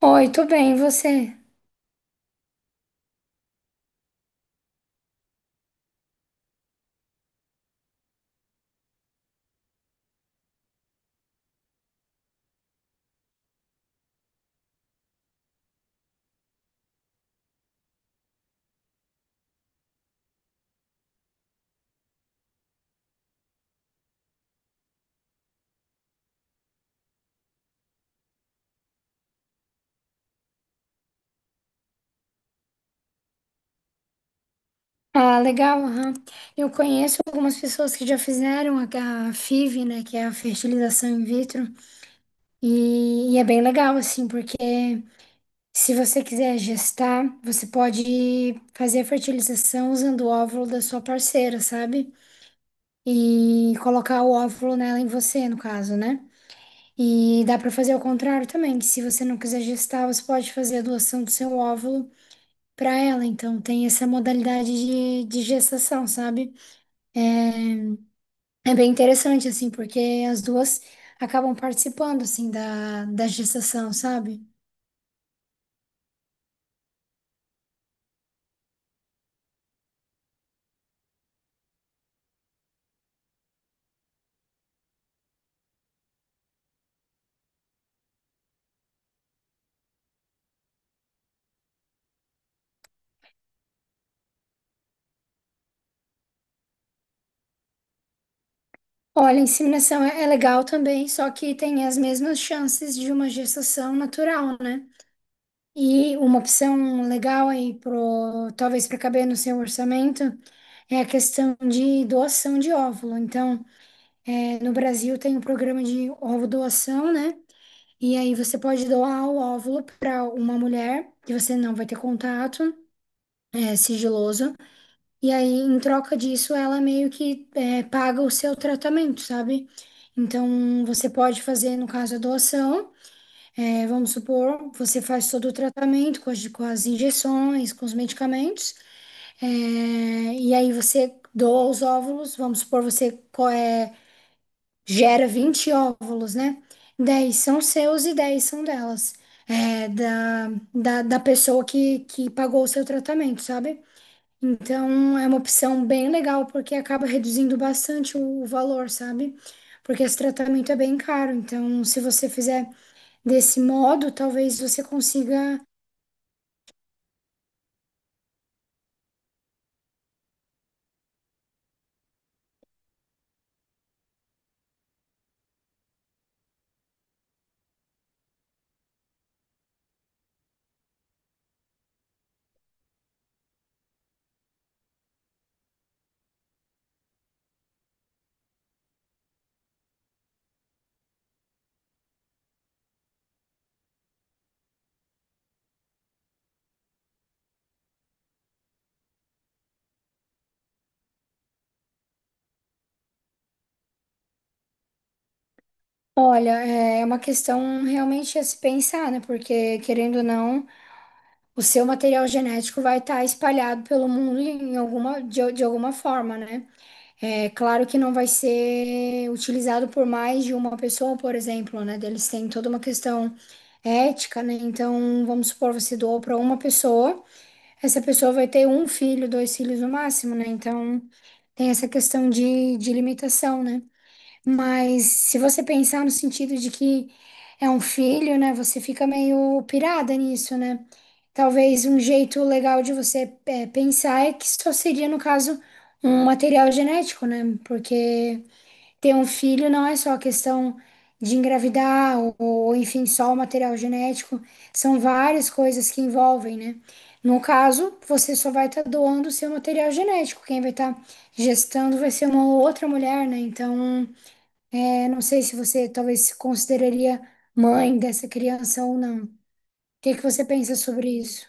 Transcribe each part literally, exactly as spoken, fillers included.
Oi, tudo bem, e você? Ah, legal, aham. Eu conheço algumas pessoas que já fizeram a, a FIV, né, que é a fertilização in vitro, e, e é bem legal, assim, porque se você quiser gestar, você pode fazer a fertilização usando o óvulo da sua parceira, sabe? E colocar o óvulo nela em você, no caso, né? E dá para fazer ao contrário também, que se você não quiser gestar, você pode fazer a doação do seu óvulo para ela. Então, tem essa modalidade de, de gestação, sabe? É, É bem interessante, assim, porque as duas acabam participando, assim, da, da gestação, sabe? Olha, a inseminação é, é legal também, só que tem as mesmas chances de uma gestação natural, né? E uma opção legal aí, pro, talvez para caber no seu orçamento, é a questão de doação de óvulo. Então, é, no Brasil tem um programa de ovo doação, né? E aí você pode doar o óvulo para uma mulher que você não vai ter contato, é sigiloso. E aí, em troca disso, ela meio que é, paga o seu tratamento, sabe? Então, você pode fazer, no caso, a doação. É, vamos supor, você faz todo o tratamento com as, com as injeções, com os medicamentos. é, e aí você doa os óvulos. Vamos supor, você co- é, gera vinte óvulos, né? Dez são seus e dez são delas, é, da, da, da pessoa que, que pagou o seu tratamento, sabe? Então é uma opção bem legal porque acaba reduzindo bastante o, o valor, sabe? Porque esse tratamento é bem caro. Então, se você fizer desse modo, talvez você consiga. Olha, é é uma questão realmente a se pensar, né? Porque querendo ou não, o seu material genético vai estar espalhado pelo mundo em alguma, de, de alguma forma, né? É claro que não vai ser utilizado por mais de uma pessoa, por exemplo, né? Eles têm toda uma questão ética, né? Então, vamos supor, você doou para uma pessoa, essa pessoa vai ter um filho, dois filhos no máximo, né? Então, tem essa questão de, de limitação, né? Mas se você pensar no sentido de que é um filho, né, você fica meio pirada nisso, né? Talvez um jeito legal de você é, pensar é que só seria, no caso, um material genético, né? Porque ter um filho não é só questão de engravidar ou, ou, enfim, só o material genético. São várias coisas que envolvem, né? No caso, você só vai estar doando o seu material genético. Quem vai estar gestando vai ser uma outra mulher, né? Então, eu não sei se você talvez se consideraria mãe dessa criança ou não. O que que você pensa sobre isso?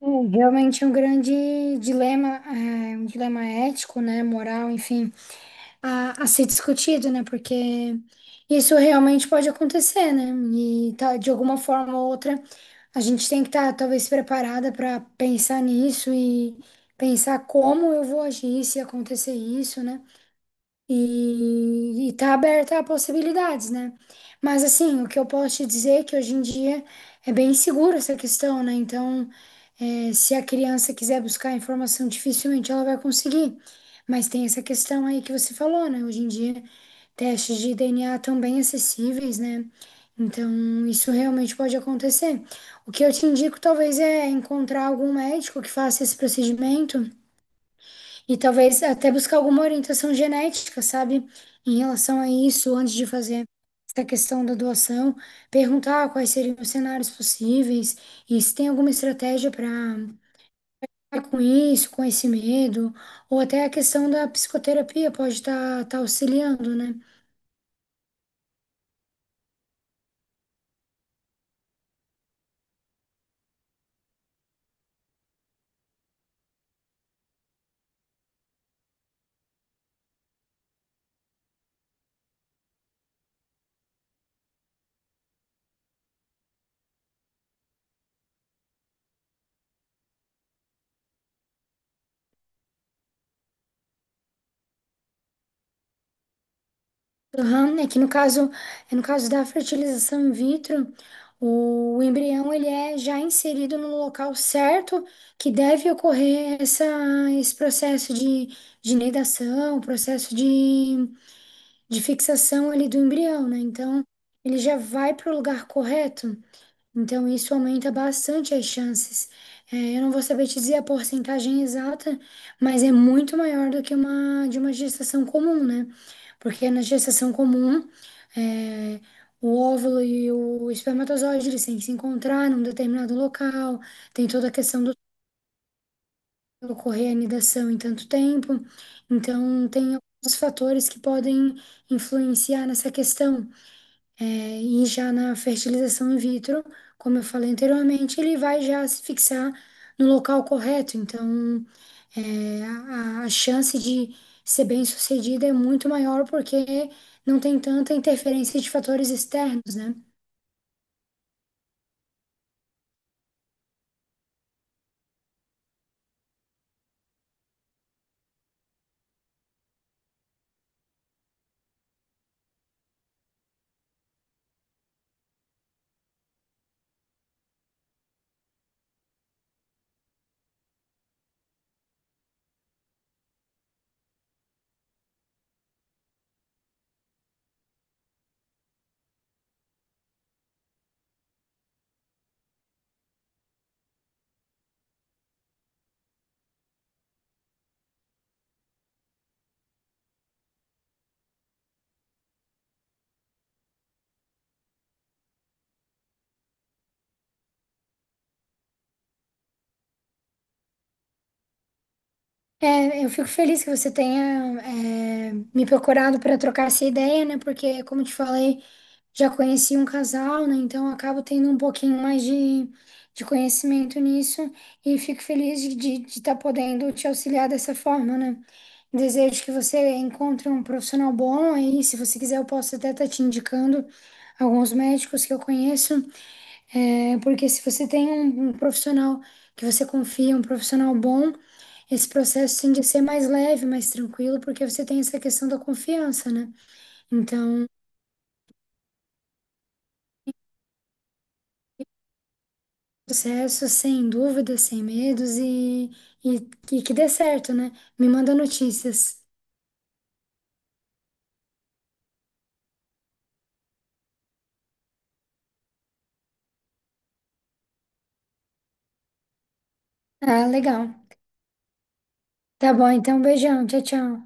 Hum, realmente é um grande dilema, é, um dilema ético, né, moral, enfim, a, a ser discutido, né, porque isso realmente pode acontecer, né, e tá, de alguma forma ou outra a gente tem que estar talvez preparada para pensar nisso e pensar como eu vou agir se acontecer isso, né. E, e tá aberta a possibilidades, né? Mas assim, o que eu posso te dizer é que hoje em dia é bem seguro essa questão, né? Então, eh, se a criança quiser buscar informação, dificilmente ela vai conseguir. Mas tem essa questão aí que você falou, né? Hoje em dia, testes de D N A estão bem acessíveis, né? Então, isso realmente pode acontecer. O que eu te indico, talvez, é encontrar algum médico que faça esse procedimento e talvez até buscar alguma orientação genética, sabe? Em relação a isso, antes de fazer essa questão da doação, perguntar quais seriam os cenários possíveis e se tem alguma estratégia para com isso, com esse medo, ou até a questão da psicoterapia pode estar auxiliando, né? Aham, é que no caso, é no caso da fertilização in vitro, o embrião ele é já inserido no local certo que deve ocorrer essa, esse processo de, de nidação, processo de, de fixação ali do embrião, né? Então, ele já vai para o lugar correto. Então, isso aumenta bastante as chances. É, eu não vou saber te dizer a porcentagem exata, mas é muito maior do que uma de uma gestação comum, né? Porque na gestação comum, é, o óvulo e o espermatozoide, eles têm que se encontrar num determinado local, tem toda a questão do ocorrer a anidação em tanto tempo. Então, tem alguns fatores que podem influenciar nessa questão. É, e já na fertilização in vitro, como eu falei anteriormente, ele vai já se fixar no local correto. Então, é, a, a chance de ser bem-sucedida é muito maior porque não tem tanta interferência de fatores externos, né? É, eu fico feliz que você tenha, é, me procurado para trocar essa ideia, né? Porque, como eu te falei, já conheci um casal, né? Então, eu acabo tendo um pouquinho mais de, de conhecimento nisso e fico feliz de estar podendo te auxiliar dessa forma, né? Desejo que você encontre um profissional bom aí. Se você quiser, eu posso até estar te indicando alguns médicos que eu conheço. É, porque se você tem um, um profissional que você confia, um profissional bom, esse processo tende a ser mais leve, mais tranquilo, porque você tem essa questão da confiança, né? Então, processo sem dúvidas, sem medos e, e, e que dê certo, né? Me manda notícias. Ah, legal. Tá bom, então, beijão. Tchau, tchau.